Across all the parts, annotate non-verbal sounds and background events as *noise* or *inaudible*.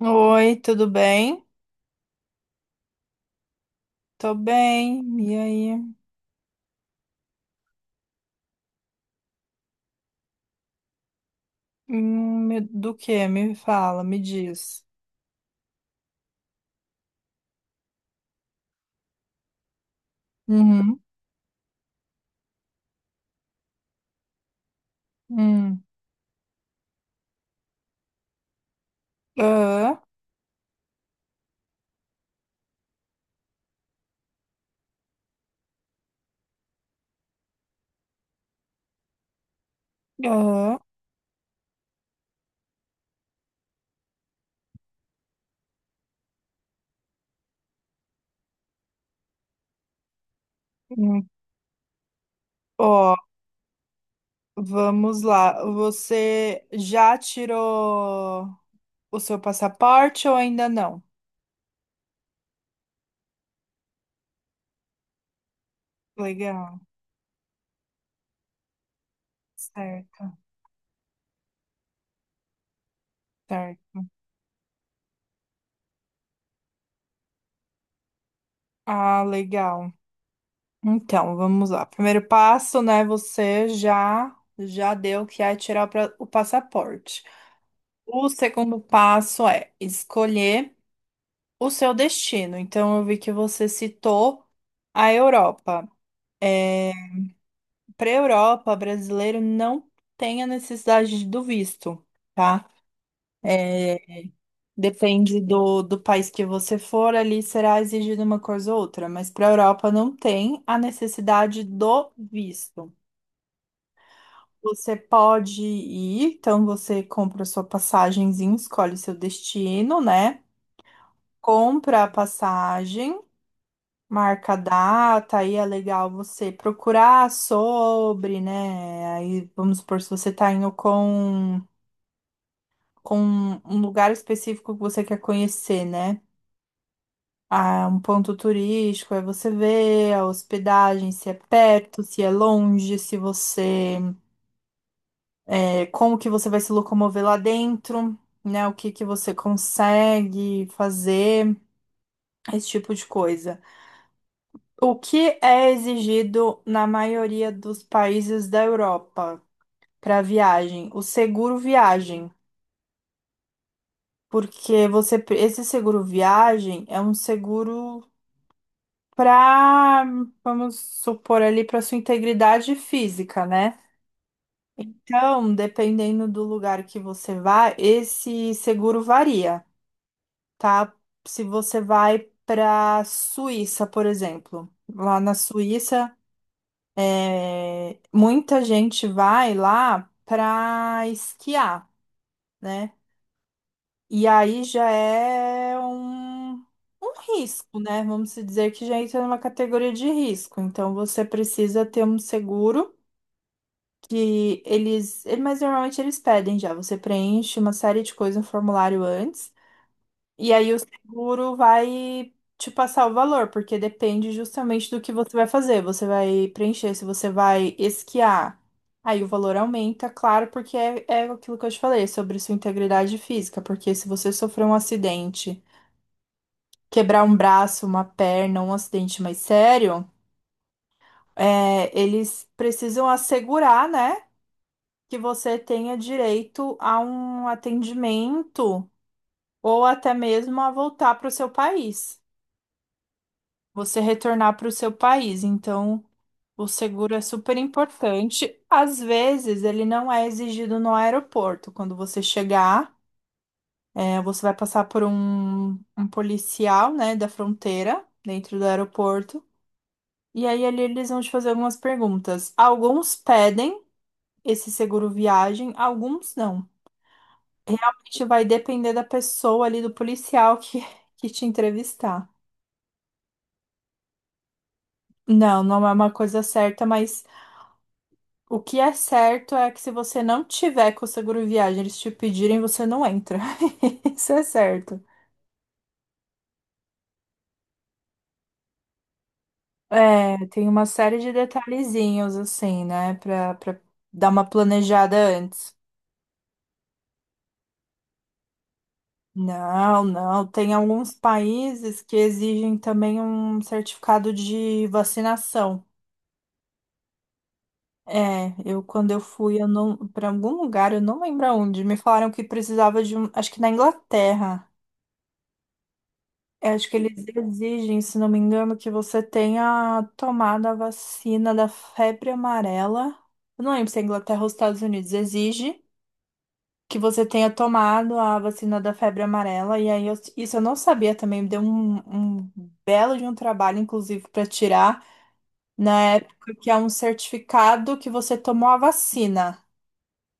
Oi, tudo bem? Tô bem. E aí? Do que? Me fala, me diz. Uhum. Hum. Ah, ah, hum. Ó, vamos lá. Você já tirou o seu passaporte ou ainda não? Legal. Certo, certo. Ah, legal. Então, vamos lá. Primeiro passo, né? Você já deu que é tirar o passaporte. O segundo passo é escolher o seu destino. Então, eu vi que você citou a Europa. É, para a Europa, brasileiro não tem a necessidade do visto, tá? É, depende do país que você for, ali será exigida uma coisa ou outra, mas para a Europa não tem a necessidade do visto. Você pode ir, então você compra sua passagenzinha, escolhe seu destino, né? Compra a passagem, marca a data, aí é legal você procurar sobre, né? Aí vamos supor, se você tá indo com um lugar específico que você quer conhecer, né? Ah, um ponto turístico, aí você vê a hospedagem, se é perto, se é longe, se você, como que você vai se locomover lá dentro, né? O que que você consegue fazer, esse tipo de coisa. O que é exigido na maioria dos países da Europa para viagem? O seguro viagem, porque esse seguro viagem é um seguro para, vamos supor ali, para sua integridade física, né? Então, dependendo do lugar que você vai, esse seguro varia, tá? Se você vai para Suíça, por exemplo, lá na Suíça muita gente vai lá para esquiar, né? E aí já é um risco, né? Vamos se dizer que já entra numa categoria de risco. Então você precisa ter um seguro que mas normalmente eles pedem já. Você preenche uma série de coisas no formulário antes. E aí o seguro vai te passar o valor, porque depende justamente do que você vai fazer. Você vai preencher, se você vai esquiar, aí o valor aumenta, claro, porque é aquilo que eu te falei, é sobre sua integridade física. Porque se você sofrer um acidente, quebrar um braço, uma perna, um acidente mais sério, eles precisam assegurar, né, que você tenha direito a um atendimento ou até mesmo a voltar para o seu país. Você retornar para o seu país. Então, o seguro é super importante. Às vezes, ele não é exigido no aeroporto. Quando você chegar, você vai passar por um policial, né, da fronteira, dentro do aeroporto. E aí, ali, eles vão te fazer algumas perguntas. Alguns pedem esse seguro viagem, alguns não. Realmente vai depender da pessoa ali, do policial que, *laughs* que te entrevistar. Não, não é uma coisa certa, mas o que é certo é que se você não tiver com o seguro viagem, eles te pedirem, você não entra. *laughs* Isso é certo. É, tem uma série de detalhezinhos assim, né, pra dar uma planejada antes. Não, não. Tem alguns países que exigem também um certificado de vacinação. É, eu quando eu fui, eu não, para algum lugar, eu não lembro aonde, me falaram que precisava de um, acho que na Inglaterra. Eu acho que eles exigem, se não me engano, que você tenha tomado a vacina da febre amarela. Eu não lembro se é Inglaterra ou Estados Unidos. Exige que você tenha tomado a vacina da febre amarela. E aí, isso eu não sabia também. Me deu um belo de um trabalho, inclusive, para tirar na época, que é um certificado que você tomou a vacina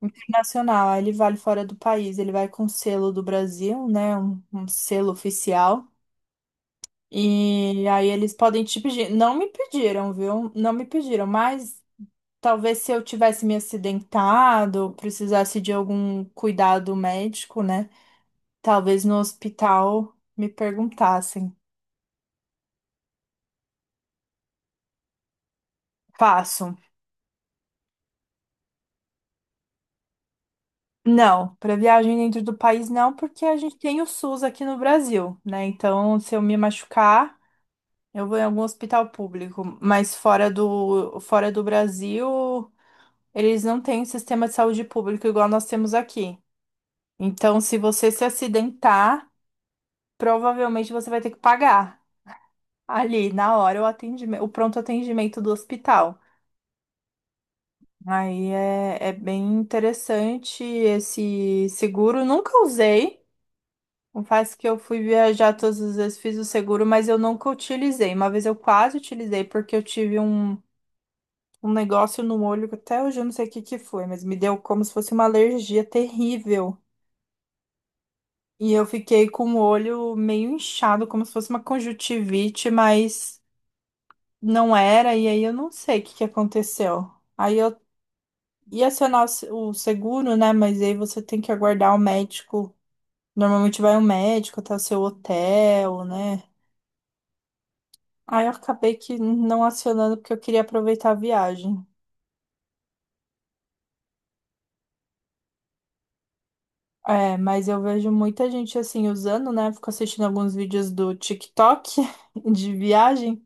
internacional. Aí ele vale fora do país. Ele vai com selo do Brasil, né? Um selo oficial. E aí eles podem te pedir. Não me pediram, viu? Não me pediram, mas talvez se eu tivesse me acidentado, precisasse de algum cuidado médico, né? Talvez no hospital me perguntassem. Faço. Não, para viagem dentro do país não, porque a gente tem o SUS aqui no Brasil, né? Então, se eu me machucar, eu vou em algum hospital público, mas fora do Brasil, eles não têm sistema de saúde público igual nós temos aqui. Então, se você se acidentar, provavelmente você vai ter que pagar ali na hora o atendimento, o pronto atendimento do hospital. Aí é bem interessante esse seguro. Nunca usei. Confesso que eu fui viajar todas as vezes, fiz o seguro, mas eu nunca utilizei. Uma vez eu quase utilizei porque eu tive um negócio no olho que até hoje eu não sei o que que foi, mas me deu como se fosse uma alergia terrível. E eu fiquei com o olho meio inchado, como se fosse uma conjuntivite, mas não era, e aí eu não sei o que que aconteceu. Aí eu ia acionar o se- o seguro, né? Mas aí você tem que aguardar o médico. Normalmente vai um médico até o seu hotel, né? Aí eu acabei que não acionando porque eu queria aproveitar a viagem. É, mas eu vejo muita gente assim usando, né? Fico assistindo alguns vídeos do TikTok *laughs* de viagem.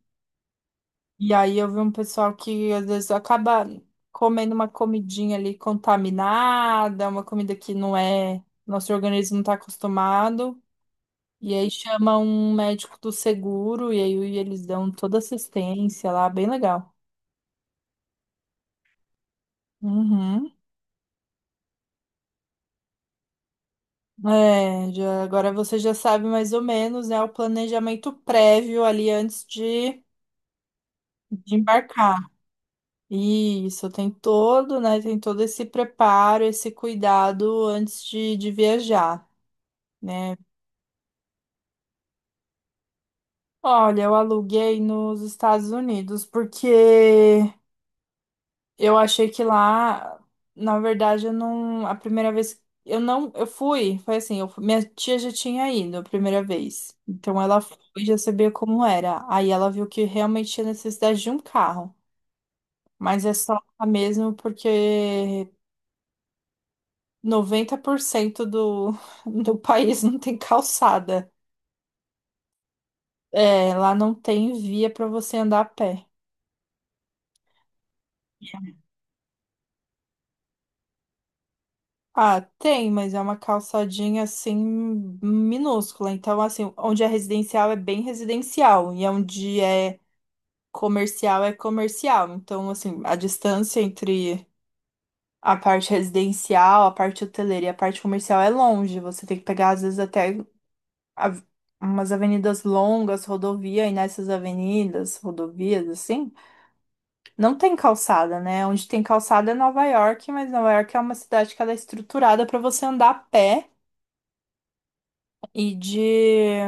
E aí eu vi um pessoal que às vezes acaba comendo uma comidinha ali contaminada, uma comida que não é, nosso organismo não está acostumado. E aí chama um médico do seguro e aí eles dão toda assistência lá, bem legal. Uhum. É, agora você já sabe mais ou menos, né, o planejamento prévio ali antes de embarcar. Isso, tem todo, né, tem todo esse preparo, esse cuidado antes de viajar. Né? Olha, eu aluguei nos Estados Unidos porque eu achei que lá, na verdade, eu não, a primeira vez eu não, eu fui, foi assim, minha tia já tinha ido a primeira vez. Então ela foi e já sabia como era. Aí ela viu que realmente tinha necessidade de um carro, mas é só lá mesmo porque 90% do *laughs* do país não tem calçada. É, lá não tem via para você andar a pé. Ah, tem, mas é uma calçadinha assim minúscula. Então, assim, onde é residencial é bem residencial e onde é comercial é comercial. Então, assim, a distância entre a parte residencial, a parte hoteleira e a parte comercial é longe. Você tem que pegar, às vezes, até av- umas avenidas longas, rodovia, e nessas avenidas, rodovias, assim, não tem calçada, né? Onde tem calçada é Nova York, mas Nova York é uma cidade que ela é estruturada para você andar a pé. e de,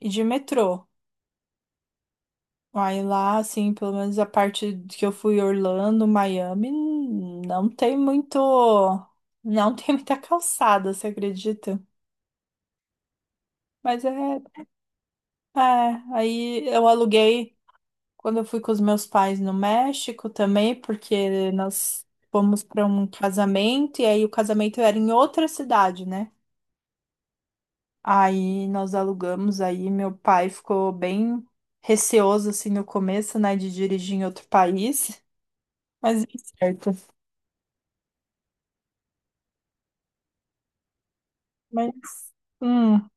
e de metrô. Aí lá, assim, pelo menos a parte que eu fui Orlando, Miami, não tem muito, não tem muita calçada, você acredita? Mas é, aí eu aluguei quando eu fui com os meus pais no México também, porque nós fomos para um casamento e aí o casamento era em outra cidade, né? Aí nós alugamos, aí meu pai ficou bem receoso assim no começo, né, de dirigir em outro país, mas deu certo. Mas, hum,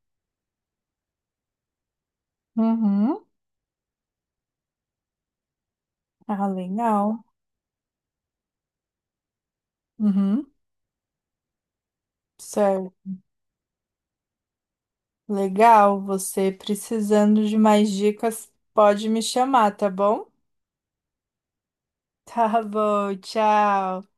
uhum. Ah, legal. Uhum, certo. Legal, você precisando de mais dicas, pode me chamar, tá bom? *laughs* Tá bom, tchau.